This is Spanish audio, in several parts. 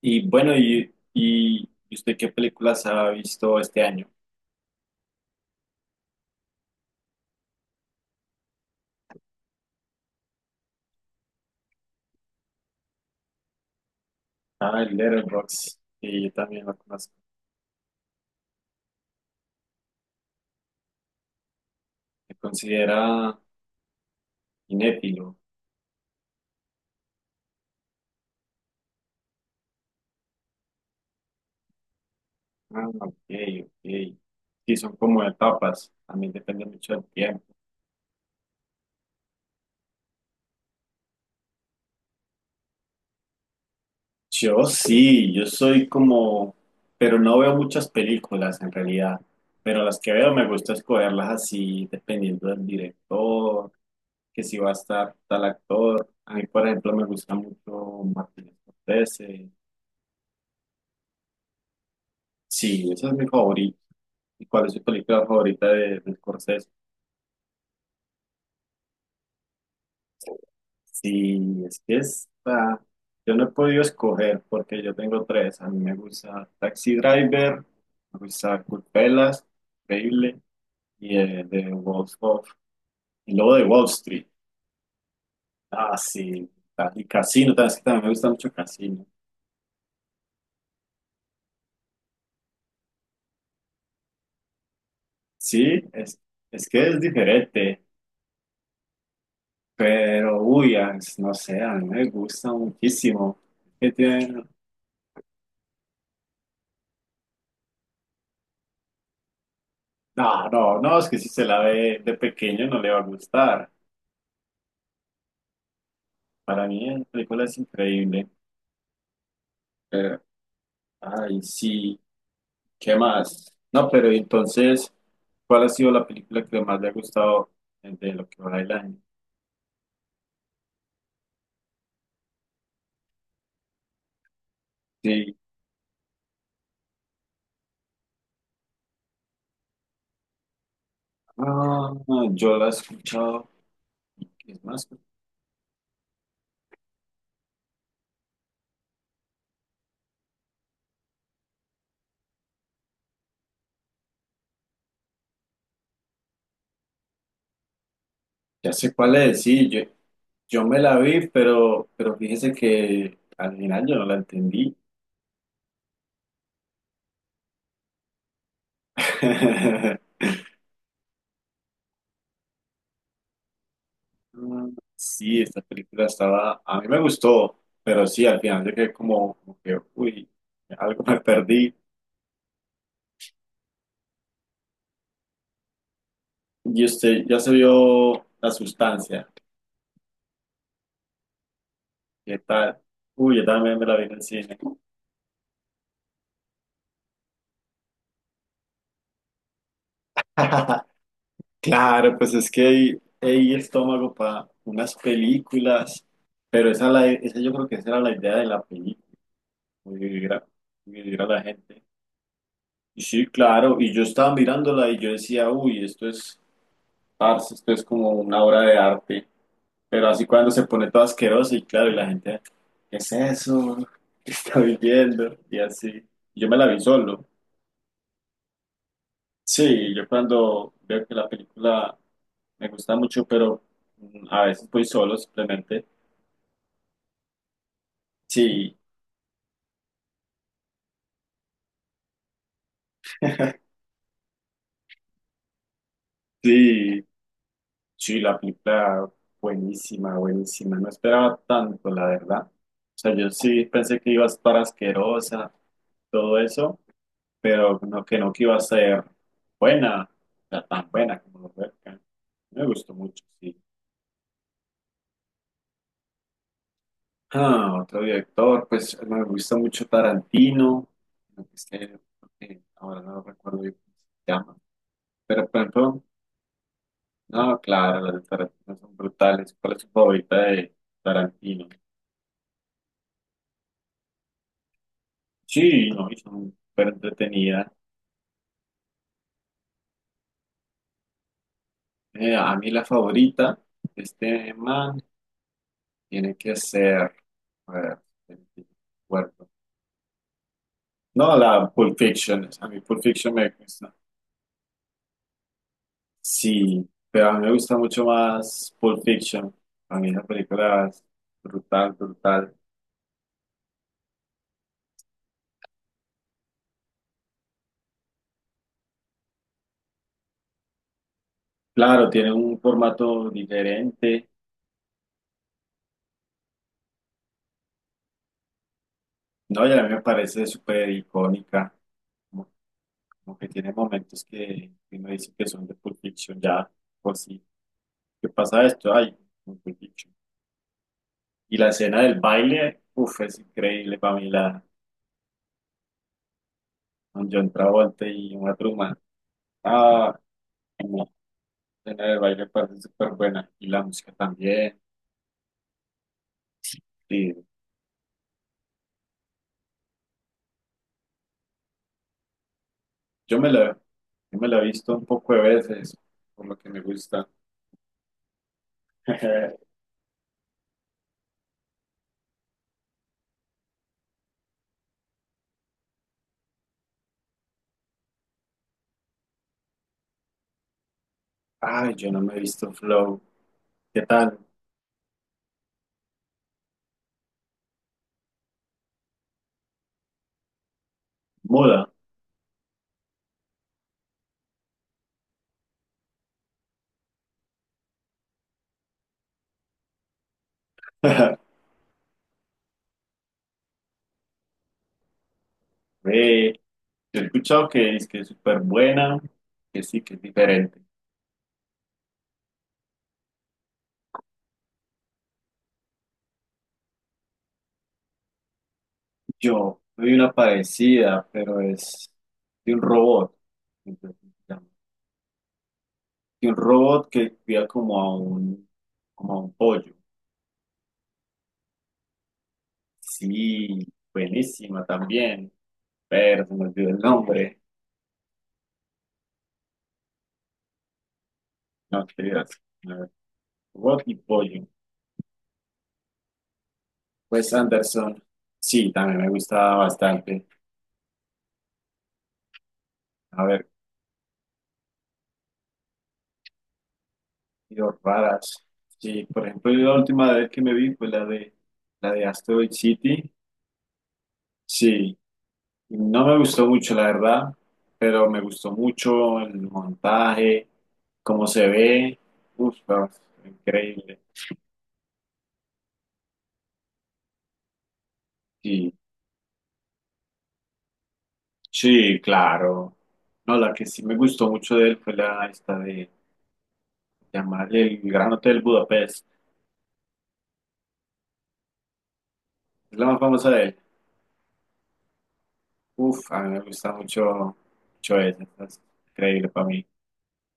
Y bueno. ¿Y usted qué películas ha visto este año? Ah, el Letterboxd, que yo también lo conozco. ¿Se considera cinéfilo? Ah, ok, ok. Sí, son como etapas. A mí depende mucho del tiempo. Yo sí, yo soy como, pero no veo muchas películas en realidad. Pero las que veo me gusta escogerlas así, dependiendo del director, que si va a estar tal actor. A mí, por ejemplo, me gusta mucho Martin Scorsese. Sí, esa es mi favorita. ¿Y cuál es su película favorita de Scorsese? Sí, es que está. Yo no he podido escoger porque yo tengo tres. A mí me gusta Taxi Driver, me gusta Culpelas, increíble, y The Wolf of. Y luego de Wall Street. Ah, sí. Y Casino, es que también me gusta mucho Casino. Sí, es que es diferente, pero uy, no sé, a mí me gusta muchísimo. Que tiene. No, no, no, es que si se la ve de pequeño no le va a gustar. Para mí la película es increíble. Pero, ay, sí, ¿qué más? No, pero entonces, ¿cuál ha sido la película que más le ha gustado de lo que va del año? Sí, ah, yo la he escuchado. Es más, ya sé cuál es, sí, yo me la vi, pero, fíjese que al final yo no la entendí. Mm, sí, esta película estaba, a mí me gustó, pero sí, al final yo quedé como que, uy, algo me perdí. Y usted ya se vio La Sustancia, ¿qué tal? Uy, yo también me la vi en el cine. Claro, pues es que hay estómago para unas películas, pero esa yo creo que esa era la idea de la película, dividir a, dividir a la gente. Sí, claro, y yo estaba mirándola y yo decía, uy, esto es, parce, esto es como una obra de arte, pero así cuando se pone todo asqueroso y claro, y la gente, ¿qué es eso? ¿Qué estoy viendo? Y así, yo me la vi solo. Sí, yo cuando veo que la película me gusta mucho, pero a veces voy solo simplemente. Sí, sí, sí, la película buenísima, buenísima. No esperaba tanto, la verdad. O sea, yo sí pensé que iba a estar asquerosa, todo eso, pero no, que no que iba a ser buena, o sea, tan buena como lo fue acá. Me gustó mucho, sí. Ah, otro director, pues me gusta mucho Tarantino. No sé, ahora no recuerdo bien cómo se llama. Pero por ejemplo, no, claro, las de Tarantino son brutales. ¿Cuál es su favorita de Tarantino? Sí, no, y son súper entretenidas. A mí la favorita, este man, tiene que ser, a ver, me acuerdo. No, la Pulp Fiction, a mí Pulp Fiction me gusta. Sí, pero a mí me gusta mucho más Pulp Fiction. A mí esa película es brutal, brutal. Claro, tiene un formato diferente. No, y a mí me parece súper icónica, como, como que tiene momentos que uno dice que son de Pulp Fiction ya, por sí. ¿Qué pasa esto? Ay, un Pulp Fiction. Y la escena del baile, uff, es increíble para mí, la con John Travolta y una Thurman. Ah, no, la escena del baile me parece súper buena. Y la música también. Sí, yo me la, yo me la he visto un poco de veces, por lo que me gusta. Ay, yo no me he visto Flow. ¿Qué tal? Moda. Ve, yo he escuchado que es súper buena, que sí, que es diferente. Yo vi una parecida, pero es de un robot. Entonces, se llama. Y un robot que cuida como a un pollo. Sí, buenísima también. Pero se me olvidó el nombre. No, qué dirás. A ver, Robot y pollo. Pues Anderson, sí, también me gustaba bastante. A ver, Dios, raras. Sí, por ejemplo, yo la última vez que me vi fue la de Asteroid City. Sí, no me gustó mucho, la verdad, pero me gustó mucho el montaje, cómo se ve. Uf, no, increíble. Sí, sí, claro. No, la que sí me gustó mucho de él fue la esta de llamar el Gran Hotel Budapest. Es la más famosa de él. Uf, a mí me gusta mucho, mucho ese, es increíble para mí.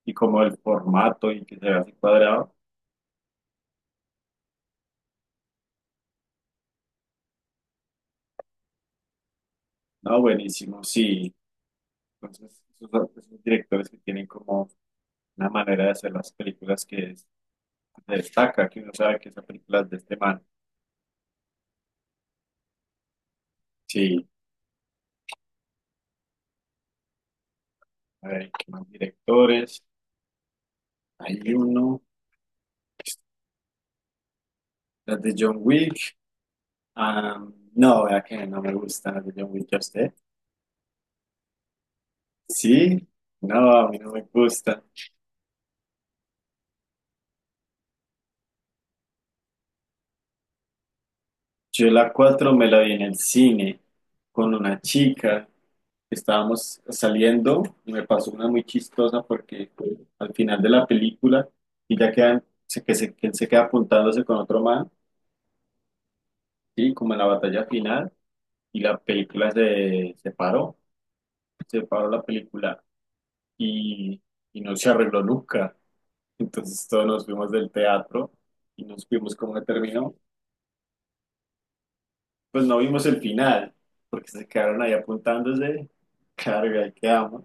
Y como el formato y que se vea así cuadrado, no, buenísimo, sí. Entonces, esos directores que tienen como una manera de hacer las películas que destaca, que uno sabe que esa película es de este man. Sí, a ver, ¿qué más directores? Hay uno, las de John Wick. Ah, no, vea que no me gustan las de John Wick, ¿a usted? Sí, no, a mí no me gusta. Yo la 4 me la vi en el cine con una chica. Estábamos saliendo y me pasó una muy chistosa porque al final de la película ella que él se queda apuntándose con otro man, ¿sí? Como en la batalla final y la película se paró, se paró, la película y, y no se arregló nunca. Entonces todos nos fuimos del teatro y nos fuimos como que terminó. Pues no vimos el final, porque se quedaron ahí apuntándose. Carga, ahí quedamos.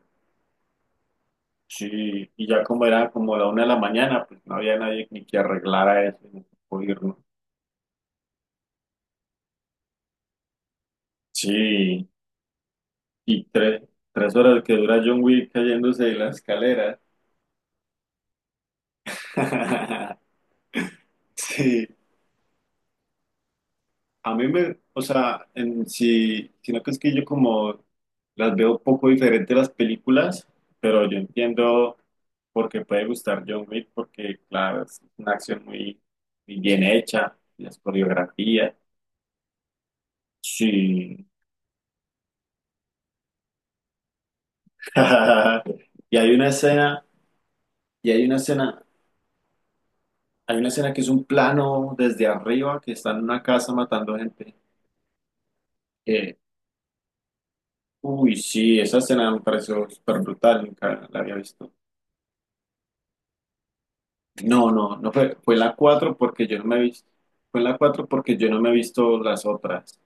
Sí, y ya como era como la una de la mañana, pues no había nadie ni que arreglara eso, ni tocó irnos. Sí, y tres horas que dura John Wick cayéndose de la escalera. Sí, a mí me, o sea, en, sí, si, sino que es que yo como las veo poco diferente las películas, pero yo entiendo por qué puede gustar John Wick, porque claro, es una acción muy, muy bien hecha, las coreografías, sí. Y hay una escena, y hay una escena que es un plano desde arriba que está en una casa matando gente. Eh, uy, sí, esa escena me pareció súper brutal, nunca la había visto. No, no, no fue la 4 porque yo no me he visto, fue la 4 porque yo no me he visto las otras,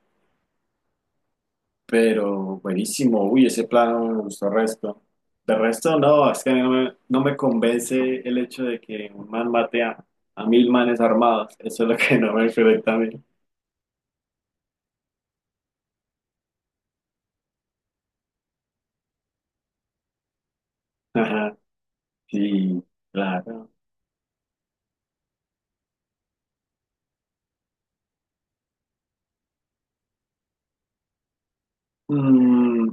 pero buenísimo, uy, ese plano me gustó resto. De resto, no, es que a mí no me convence el hecho de que un man mate a mil manes armados, eso es lo que no me conecta a mí. Ajá, sí, claro. Mm,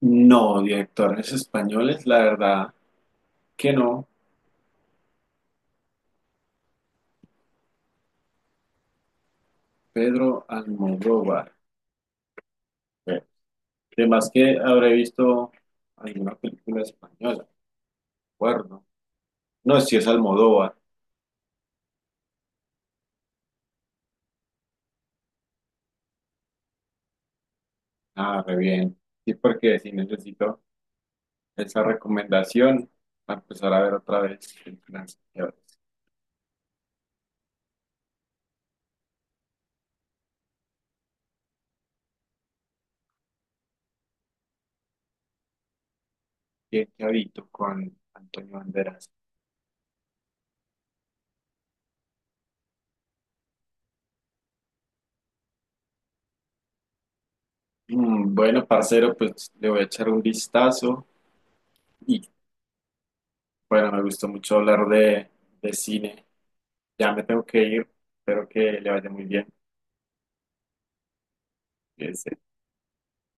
no, directores españoles, la verdad que no, Pedro Almodóvar. Además que habré visto alguna película española, recuerdo. No, si es Almodóvar. Ah, re bien. Sí, porque sí necesito esa recomendación para empezar a ver otra vez el financiero. ¿Qué habito con Antonio Banderas? Bueno, parcero, pues le voy a echar un vistazo. Y bueno, me gustó mucho hablar de cine. Ya me tengo que ir. Espero que le vaya muy bien. Que se